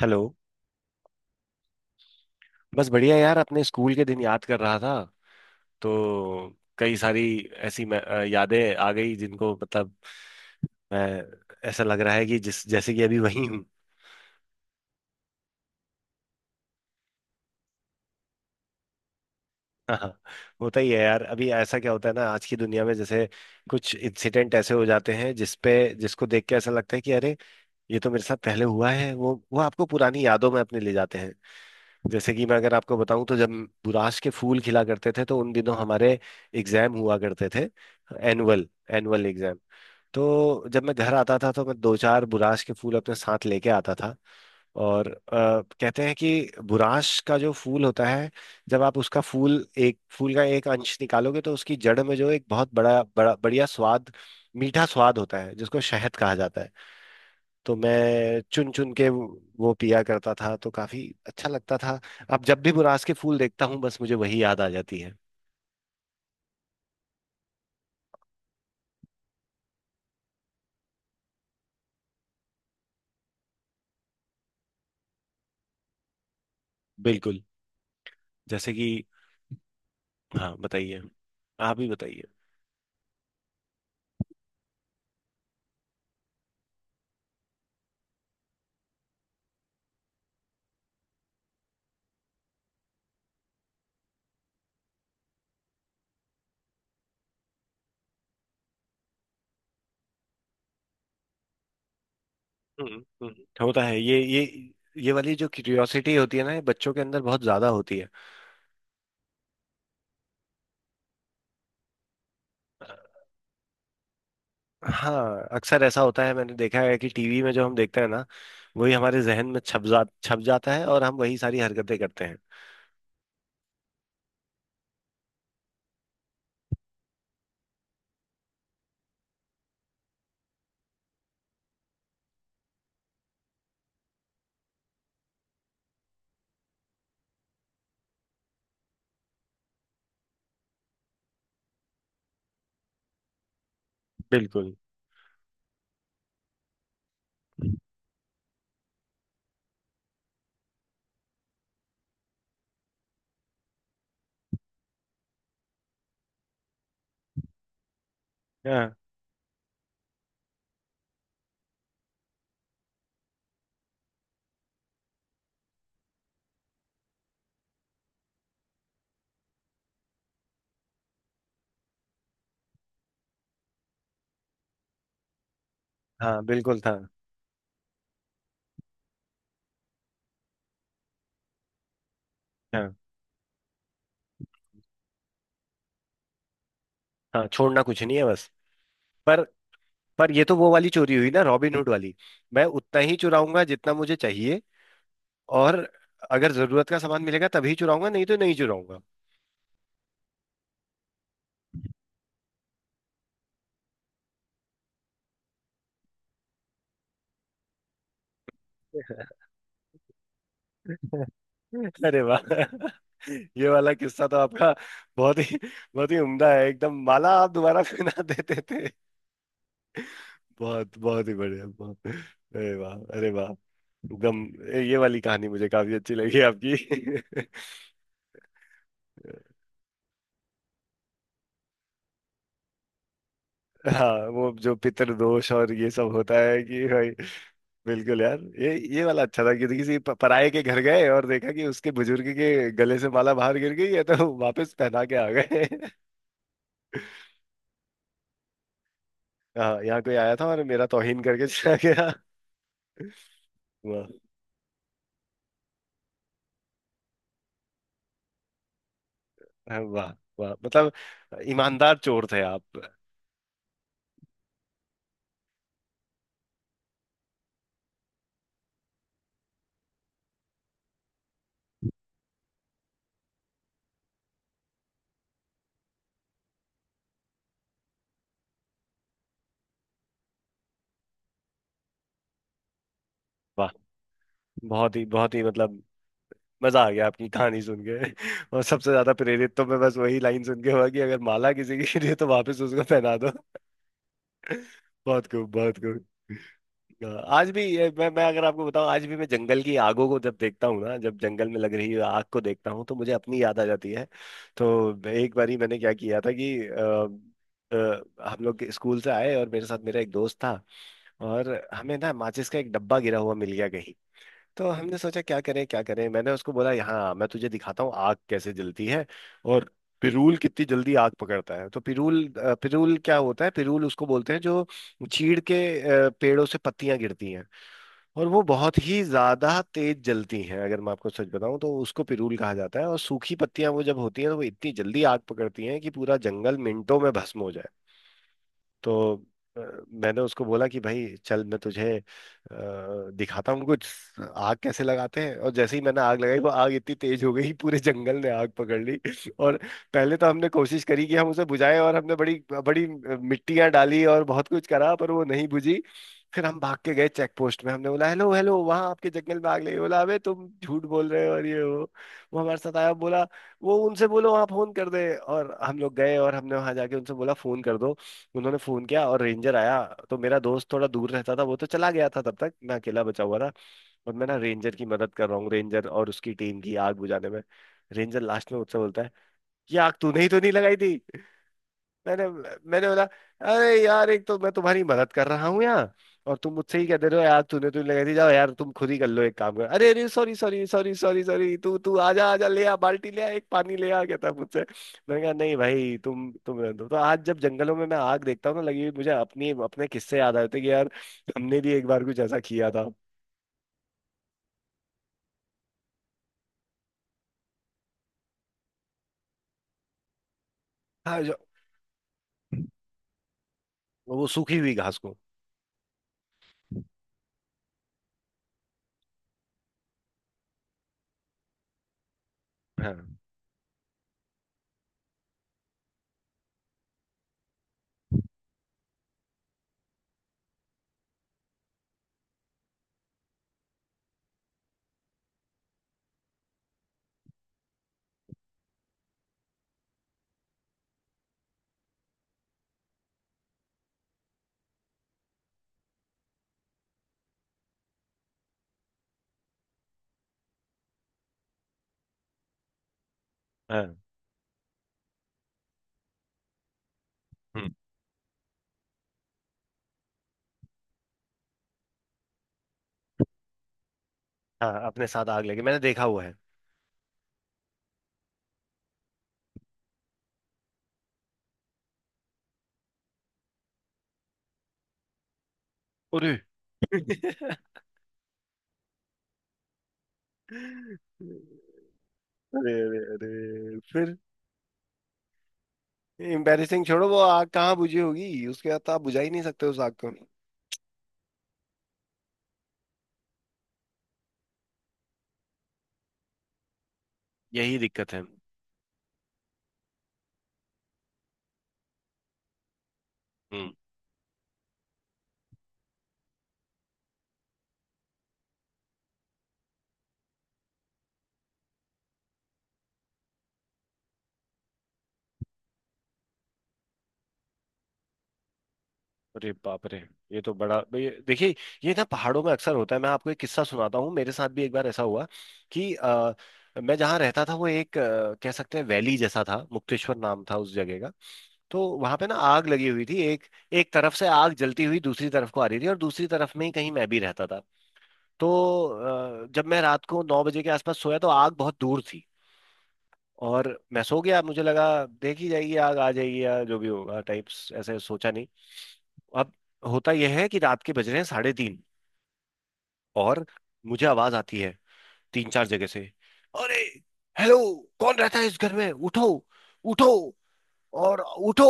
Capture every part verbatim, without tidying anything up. Hello. बस बढ़िया यार, अपने स्कूल के दिन याद कर रहा था। तो कई सारी ऐसी मैं- अ, यादें आ गई जिनको मतलब मैं ऐसा लग रहा है कि जिस जैसे कि अभी वही हूँ। हाँ, होता ही है यार। अभी ऐसा क्या होता है ना आज की दुनिया में, जैसे कुछ इंसिडेंट ऐसे हो जाते हैं जिसपे जिसको देख के ऐसा लगता है कि अरे, ये तो मेरे साथ पहले हुआ है। वो वो आपको पुरानी यादों में अपने ले जाते हैं। जैसे कि मैं, अगर आपको बताऊं, तो जब बुराश के फूल खिला करते थे तो उन दिनों हमारे एग्जाम हुआ करते थे। Annual annual exam. तो जब मैं घर आता था तो मैं दो चार बुराश के फूल अपने साथ लेके आता था। और अ, कहते हैं कि बुराश का जो फूल होता है, जब आप उसका फूल, एक फूल का एक अंश निकालोगे, तो उसकी जड़ में जो एक बहुत बड़ा बड़ा बढ़िया स्वाद मीठा स्वाद होता है जिसको शहद कहा जाता है। तो मैं चुन चुन के वो वो पिया करता था, तो काफी अच्छा लगता था। अब जब भी मुरास के फूल देखता हूँ, बस मुझे वही याद आ जाती है। बिल्कुल। जैसे कि। हाँ, बताइए। आप ही बताइए। हम्म। हम्म, होता है ये ये ये वाली जो क्यूरियोसिटी होती है ना, ये बच्चों के अंदर बहुत ज्यादा होती है। हाँ, अक्सर ऐसा होता है, मैंने देखा है कि टीवी में जो हम देखते हैं ना, वही हमारे जहन में छप जा छप जाता है, और हम वही सारी हरकतें करते हैं। बिल्कुल। हाँ। हाँ, बिल्कुल था। हाँ। हाँ, छोड़ना कुछ नहीं है बस। पर पर ये तो वो वाली चोरी हुई ना, रॉबिनहुड वाली। मैं उतना ही चुराऊंगा जितना मुझे चाहिए। और अगर जरूरत का सामान मिलेगा तभी चुराऊंगा, नहीं तो नहीं चुराऊंगा। अरे वाह। ये वाला किस्सा तो आपका बहुत ही, बहुत ही उम्दा है। एकदम। माला आप दोबारा पहना देते थे। बहुत, बहुत ही बढ़िया, बहुत, अरे वाह, अरे वाह। एकदम। ये वाली कहानी मुझे काफी अच्छी लगी आपकी। हाँ, वो जो पितृदोष और ये सब होता है कि भाई। बिल्कुल यार, ये ये वाला अच्छा था कि किसी प- पराये के घर गए और देखा कि उसके बुजुर्ग के गले से माला बाहर गिर गई है, तो वापस पहना के आ गए। हाँ, यहाँ कोई आया था और मेरा तौहीन करके चला गया। वाह। हाँ, वाह। वाह मतलब, ईमानदार चोर थे आप। वाह, बहुत ही, बहुत ही मतलब, मजा आ गया आपकी कहानी सुन के। और सबसे ज्यादा प्रेरित तो मैं बस वही लाइन सुन के हुआ कि अगर माला किसी की गिरी है तो वापस उसको पहना दो। बहुत खूब, बहुत खूब। आज भी ये- मैं मैं अगर आपको बताऊं, आज भी मैं जंगल की आगों को जब देखता हूँ ना, जब जंगल में लग रही आग को देखता हूँ, तो मुझे अपनी याद आ जाती है। तो एक बारी मैंने क्या किया था कि अ, अ, हम लोग स्कूल से आए और मेरे साथ मेरा एक दोस्त था। और हमें ना माचिस का एक डब्बा गिरा हुआ मिल गया। तो हमने सोचा क्या करें क्या करें। मैंने उसको बोला, यहाँ मैं तुझे दिखाता हूँ आग कैसे जलती है और पिरूल कितनी जल्दी आग पकड़ता है। तो पिरूल, अ, पिरूल क्या होता है, पिरूल उसको बोलते हैं जो चीड़ के अ, पेड़ों से पत्तियां गिरती हैं। और वो बहुत ही ज्यादा तेज जलती हैं, अगर मैं आपको सच बताऊं, तो उसको पिरूल कहा जाता है। और सूखी पत्तियां वो जब होती हैं तो वो इतनी जल्दी आग पकड़ती हैं कि पूरा जंगल मिनटों में भस्म हो जाए। तो अ, मैंने उसको बोला कि भाई चल, मैं तुझे अ, दिखाता हूँ कुछ, आग कैसे लगाते हैं। और जैसे ही मैंने आग लगाई, वो आग इतनी तेज हो गई, पूरे जंगल ने आग पकड़ ली। और पहले तो हमने कोशिश करी कि हम उसे बुझाएं, और हमने बड़ी बड़ी मिट्टियां डाली और बहुत कुछ करा, पर वो नहीं बुझी। फिर हम भाग के गए चेक पोस्ट में। हमने बोला हेलो हेलो, वहाँ आपके जंगल में आग लगी। बोला, अबे तुम झूठ बोल रहे हो, और ये वो वो हमारे साथ आया। बोला, वो उनसे बोलो वहाँ फोन कर दे। और हम लोग गए और हमने वहाँ जाके उनसे बोला फोन कर दो। उन्होंने फोन किया और रेंजर आया। तो मेरा दोस्त थोड़ा दूर रहता था, वो तो चला गया था तब तक, मैं अकेला बचा हुआ था। और मैं ना रेंजर की मदद कर रहा हूँ, रेंजर और उसकी टीम की, आग बुझाने में। रेंजर लास्ट में मुझसे बोलता है, ये आग तूने ही तो नहीं लगाई थी। मैंने मैंने बोला, अरे यार, एक तो मैं तुम्हारी मदद कर रहा हूँ यहाँ, और तुम मुझसे ही कह दे रहे हो, यार तूने, तू लगा दी, जाओ यार तुम खुद ही कर लो, एक काम कर। अरे अरे, sorry sorry sorry sorry sorry, तू तू आजा आजा, ले आ बाल्टी ले आ, एक पानी ले आ, कहता है मुझसे। मैंने कहा नहीं भाई, तुम तुम रहने दो। तो आज जब जंगलों में मैं आग देखता हूँ ना, लगी हुई, मुझे अपनी अपने किस्से याद आते हैं कि यार, हमने भी एक बार कुछ ऐसा किया था। हाँ जो। वो सूखी हुई घास को। हाँ। हाँ। हम्म, हाँ, अपने साथ आग लगी, मैंने देखा हुआ है। अरे। अरे अरे अरे, फिर? एम्बैरेसिंग छोड़ो, वो आग कहाँ बुझी होगी उसके बाद, तो आप बुझा ही नहीं सकते उस आग को। यही दिक्कत है। हम्म। अरे बाप रे। ये तो बड़ा, ये- देखिए, ये ना पहाड़ों में अक्सर होता है। मैं आपको एक किस्सा सुनाता हूँ, मेरे साथ भी एक बार ऐसा हुआ कि अ, मैं जहाँ रहता था, वो एक अ, कह सकते हैं वैली जैसा था, मुक्तेश्वर नाम था उस जगह का। तो वहां पे ना आग लगी हुई थी। एक एक तरफ से आग जलती हुई दूसरी तरफ को आ रही थी, और दूसरी तरफ में ही कहीं मैं भी रहता था। तो अ, जब मैं रात को नौ बजे के आसपास सोया तो आग बहुत दूर थी। और मैं सो गया, मुझे लगा देख ही जाएगी, आग आ जाएगी या जो भी होगा टाइप्स, ऐसे सोचा नहीं। अब होता यह है कि रात के बज रहे हैं साढ़े तीन, और मुझे आवाज आती है तीन चार जगह से। अरे, हेलो, कौन रहता है इस घर में, उठो, उठो। और उठो,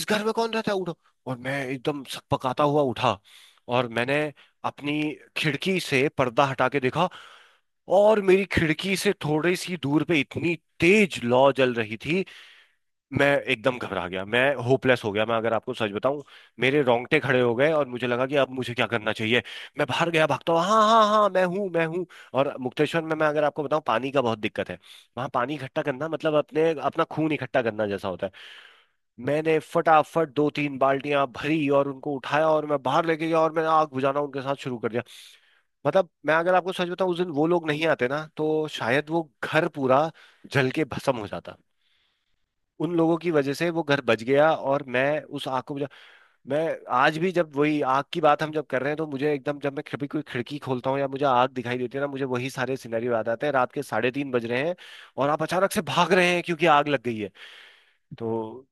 इस घर में कौन रहता है, उठो। और मैं एकदम सकपकाता हुआ उठा, और मैंने अपनी खिड़की से पर्दा हटा के देखा। और मेरी खिड़की से थोड़ी सी दूर पे इतनी तेज लौ जल रही थी। मैं एकदम घबरा गया, मैं होपलेस हो गया, मैं अगर आपको सच बताऊं, मेरे रोंगटे खड़े हो गए। और मुझे लगा कि अब मुझे क्या करना चाहिए। मैं बाहर गया भागता हुआ, हाँ हाँ हाँ, मैं हूँ मैं हूँ। और मुक्तेश्वर में, मैं अगर आपको बताऊं, पानी का बहुत दिक्कत है। वहाँ पानी इकट्ठा करना मतलब अपने अपना खून इकट्ठा करना जैसा होता है। मैंने फटाफट दो तीन बाल्टियां भरी और उनको उठाया और मैं बाहर लेके गया, और मैंने आग बुझाना उनके साथ शुरू कर दिया। मतलब मैं अगर आपको सच बताऊं, उस दिन वो लोग नहीं आते ना, तो शायद वो घर पूरा जल के भस्म हो जाता। उन लोगों की वजह से वो घर बच गया और मैं उस आग को बुझा। मैं आज भी, जब वही आग की बात हम जब कर रहे हैं, तो मुझे एकदम, जब मैं कभी कोई खिड़की खोलता हूँ या मुझे आग दिखाई देती है ना, मुझे वही सारे सिनेरियो याद आते हैं, रात के साढ़े तीन बज रहे हैं और आप अचानक से भाग रहे हैं क्योंकि आग लग गई है। तो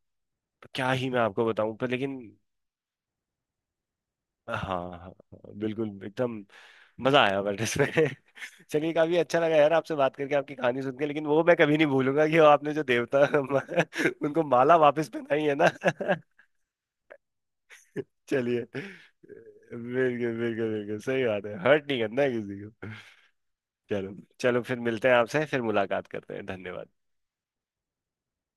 क्या ही मैं आपको बताऊं, पर लेकिन। हाँ हाँ हाँ, बिल्कुल एकदम। मजा आया बट इसमें। चलिए, काफी अच्छा लगा यार आपसे बात करके, आपकी कहानी सुन के, लेकिन वो मैं कभी नहीं भूलूंगा कि वो आपने जो देवता, उनको माला वापस पहनाई है ना। चलिए। बिल्कुल बिल्कुल बिल्कुल, सही बात है, हर्ट नहीं करना है किसी को। चलो, चलो फिर मिलते हैं आपसे, फिर मुलाकात करते हैं, धन्यवाद।